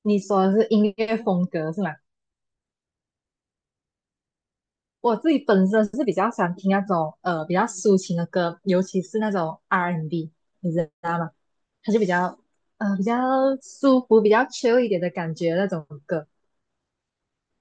你说的是音乐风格是吗？我自己本身是比较喜欢听那种比较抒情的歌，尤其是那种 R&B，and B，你知道吗？它就比较舒服、比较 chill 一点的感觉那种歌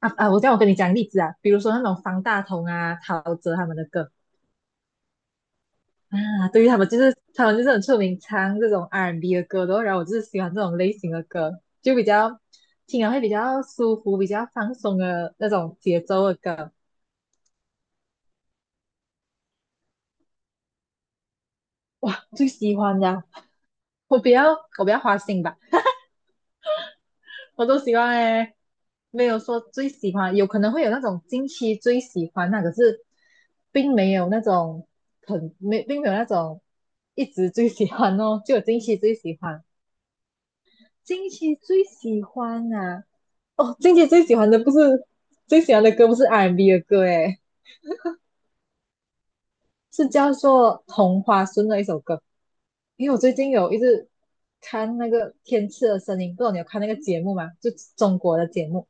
啊啊！我这样我跟你讲例子啊，比如说那种方大同啊、陶喆他们的歌啊，对于他们就是很出名唱这种 R&B and B 的歌的哦，然后我就是喜欢这种类型的歌，就比较听了会比较舒服、比较放松的那种节奏的歌。哇，最喜欢的我比较我比较花心吧，我都喜欢诶，没有说最喜欢，有可能会有那种近期最喜欢那，可是并没有那种并没有那种一直最喜欢哦，就有近期最喜欢，近期最喜欢啊！哦，近期最喜欢的不是 R&B 的歌诶，是叫做《同花顺》的一首歌。因为我最近有一直看那个《天赐的声音》，不知道你有看那个节目吗？就中国的节目，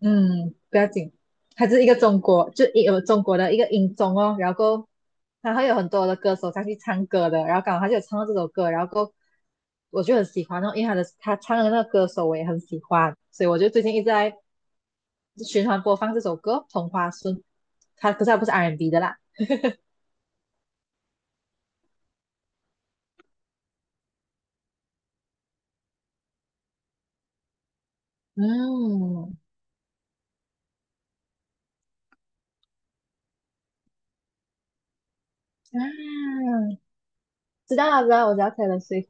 嗯，不要紧，它是一个中国，有中国的一个音综哦，然后过后它会有很多的歌手上去唱歌的，然后刚好他就有唱到这首歌，然后过后我就很喜欢哦，因为他唱的那个歌手我也很喜欢，所以我就最近一直在循环播放这首歌《同花顺》，它可是它不是 R&B 的啦，嗯，啊，知道了，知道，我知道 Taylor Swift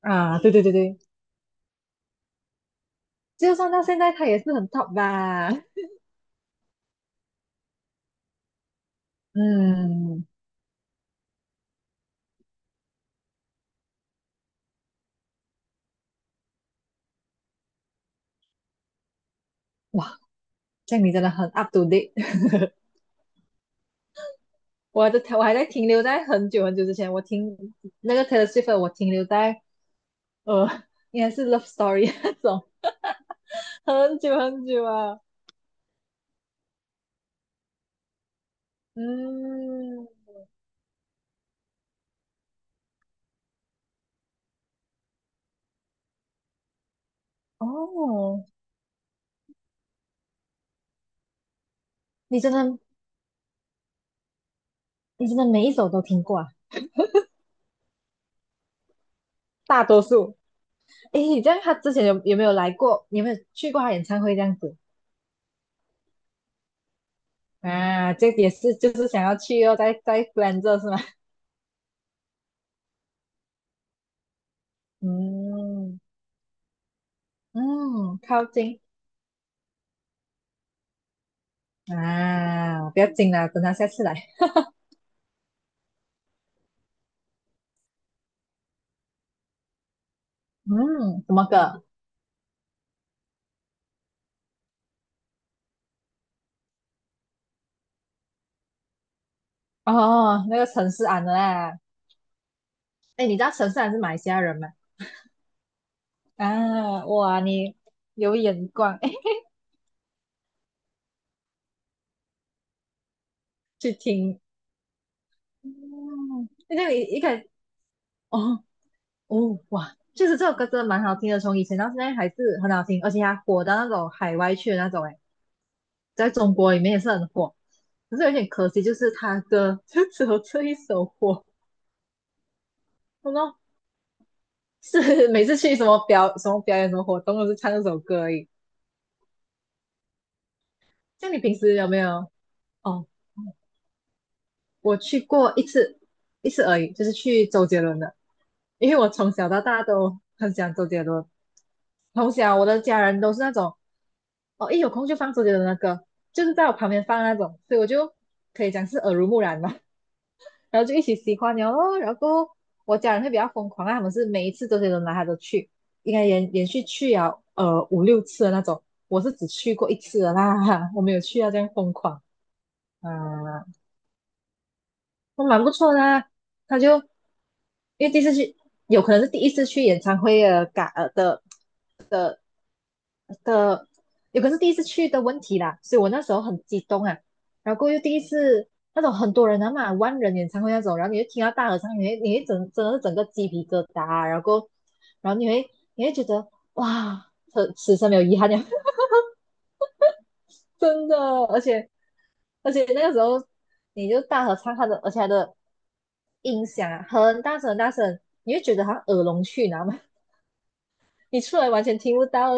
啊，对对对对，就算到现在他也是很 top 吧，嗯，哇，这样你真的很 up to date，我还在停留在很久很久之前，我听那个 Taylor Swift，的我停留在呃，应该是 Love Story 那种，很久很久啊，嗯，哦，你真的你真的每一首都听过啊，大多数，诶，你这样他之前有没有来过，有没有去过他演唱会这样子？啊，这也是就是想要去哦，在 f l a 是吗？嗯嗯，靠近啊，不要紧啦，等他下次来。嗯，怎么个？哦，那个陈思安的啦。哎，你知道陈思安是马来西亚人吗？啊，哇，你有眼光，哎，去听。嗯，那这个一开始哦哦哇，就是这首歌真的蛮好听的，从以前到现在还是很好听，而且它火到那种海外去的那种，哎。在中国里面也是很火，可是有点可惜，就是他歌就只有 这一首火，然后是每次去什么表演什么活动都是唱这首歌而已。像你平时有没有？哦，我去过一次，一次而已，就是去周杰伦的，因为我从小到大都很喜欢周杰伦，从小我的家人都是那种，哦，一有空就放周杰伦的歌，就是在我旁边放那种，所以我就可以讲是耳濡目染吧。然后就一起喜欢了咯。然后我家人会比较疯狂啊，他们是每一次周杰伦来他都去，应该连续去了五六次的那种。我是只去过一次的啦，我没有去啊，这样疯狂啊，都蛮不错的啊他就因为第一次去，有可能是第一次去演唱会的的是第一次去的问题啦，所以我那时候很激动啊，然后过后又第一次那种很多人啊嘛，万人演唱会那种，然后你就听到大合唱，你会真的是整个鸡皮疙瘩啊，然后然后你会你会觉得哇，此生没有遗憾了，真的，而且而且那个时候你就大合唱，他的音响啊很大声很大声，你会觉得他耳聋去，你知道吗？你出来完全听不到，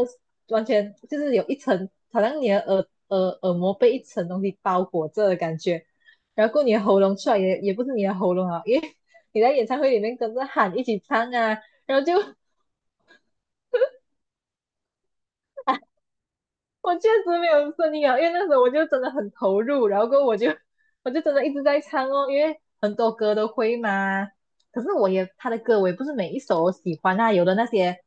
完全就是有一层，好像你的耳膜被一层东西包裹着的感觉，然后你的喉咙出来也不是你的喉咙啊，因为你在演唱会里面跟着喊一起唱啊，然后就 我确实没有声音啊，因为那时候我就真的很投入，然后过后我就真的一直在唱哦，因为很多歌都会嘛。可是他的歌我也不是每一首我喜欢啊，有的那些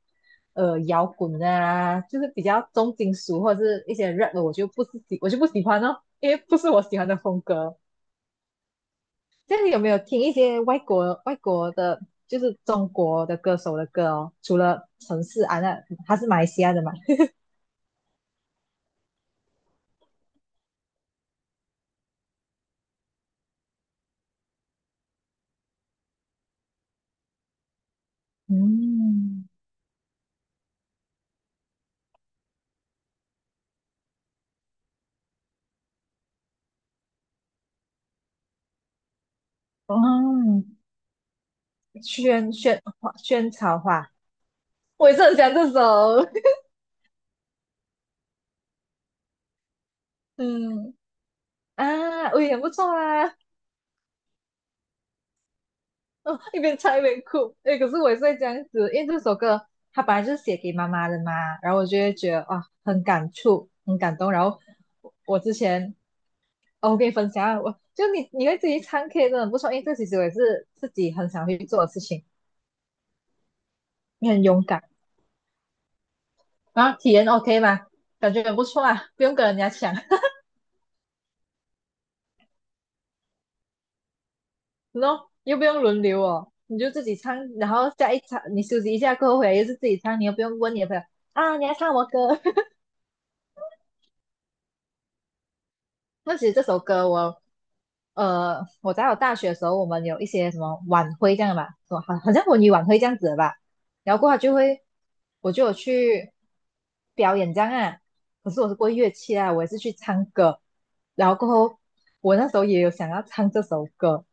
摇滚啊，就是比较重金属或者是一些 rap 的，我就不喜欢哦，因为不是我喜欢的风格。这样你有没有听一些外国的，就是中国的歌手的歌哦？除了陈势安那他是马来西亚的嘛？嗯，哦，萱草花，我也是很喜欢这首。嗯啊，我也不错啊。哦，一边唱一边哭。哎，可是我也是会这样子，因为这首歌它本来就是写给妈妈的嘛，然后我就会觉得哇，很感触，很感动。然后我之前，哦，我跟你分享啊，我就你你会自己唱 K 真的很不错，因为这其实我也是自己很想去做的事情，你很勇敢，然后体验 OK 吗？感觉很不错啊，不用跟人家抢。然后又不用轮流哦，你就自己唱，然后下一场你休息一下过后回来又是自己唱，你又不用问你的朋友啊，你要唱什么歌。那其实这首歌我，我在大学的时候，我们有一些什么晚会这样的吧，什么好像文娱晚会这样子的吧，然后过后就会，我就有去表演这样啊，可是我是过乐器啊，我也是去唱歌，然后过后我那时候也有想要唱这首歌，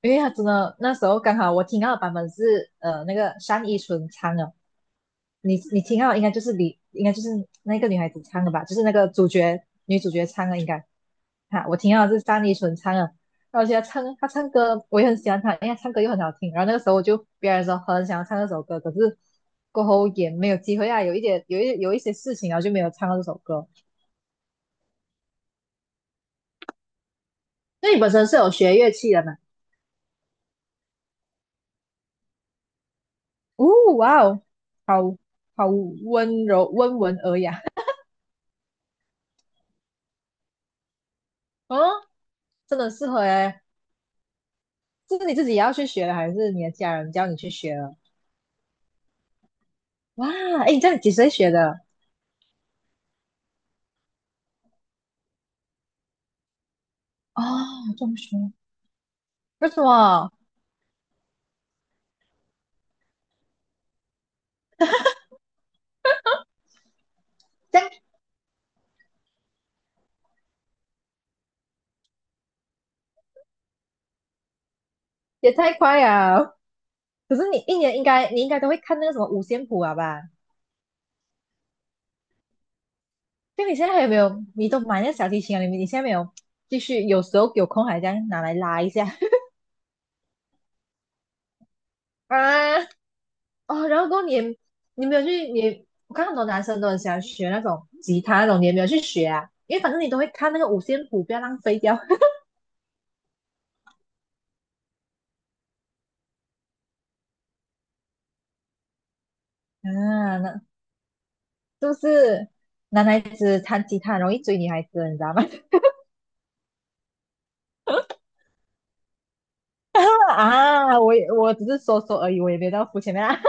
因为他真的那时候刚好我听到的版本是那个单依纯唱的，你听到应该就是那个女孩子唱的吧，就是那个女主角唱的应该。哈，我听到的是单依纯唱的，然后我觉得她唱歌我也很喜欢她，因为她唱歌又很好听。然后那个时候别人说很想要唱这首歌，可是过后也没有机会啊，有一点有一有一些事情，然后就没有唱到这首歌。那你本身是有学乐器的嘛？哦，哇哦，好好温柔温文尔雅。哦，真的很适合诶，这是你自己也要去学的，还是你的家人教你去学的？哇，哎，你这样几岁学的？哦，中学。为什么？这样也太快了。可是你应该都会看那个什么五线谱啊吧？就你现在还有没有？你都买那个小提琴啊？你现在没有继续？有时候有空还这样拿来拉一下 啊？哦，然后过后你没有去？我看很多男生都很喜欢学那种吉他那种，你也没有去学啊？因为反正你都会看那个五线谱，不要浪费掉 啊，那是不是男孩子弹吉他很容易追女孩子，你知道吗？啊，我只是说说而已，我也没到肤浅啊，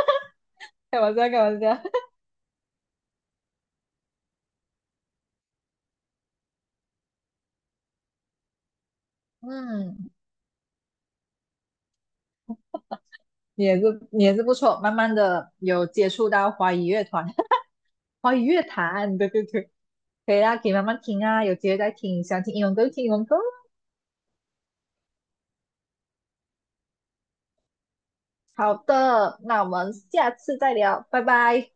开玩笑，开玩笑。嗯，你也是不错，慢慢的有接触到华语乐团，华语乐坛，对对对，可以啦，可以慢慢听啊，有机会再听，想听英文歌就听英文歌。好的，那我们下次再聊，拜拜。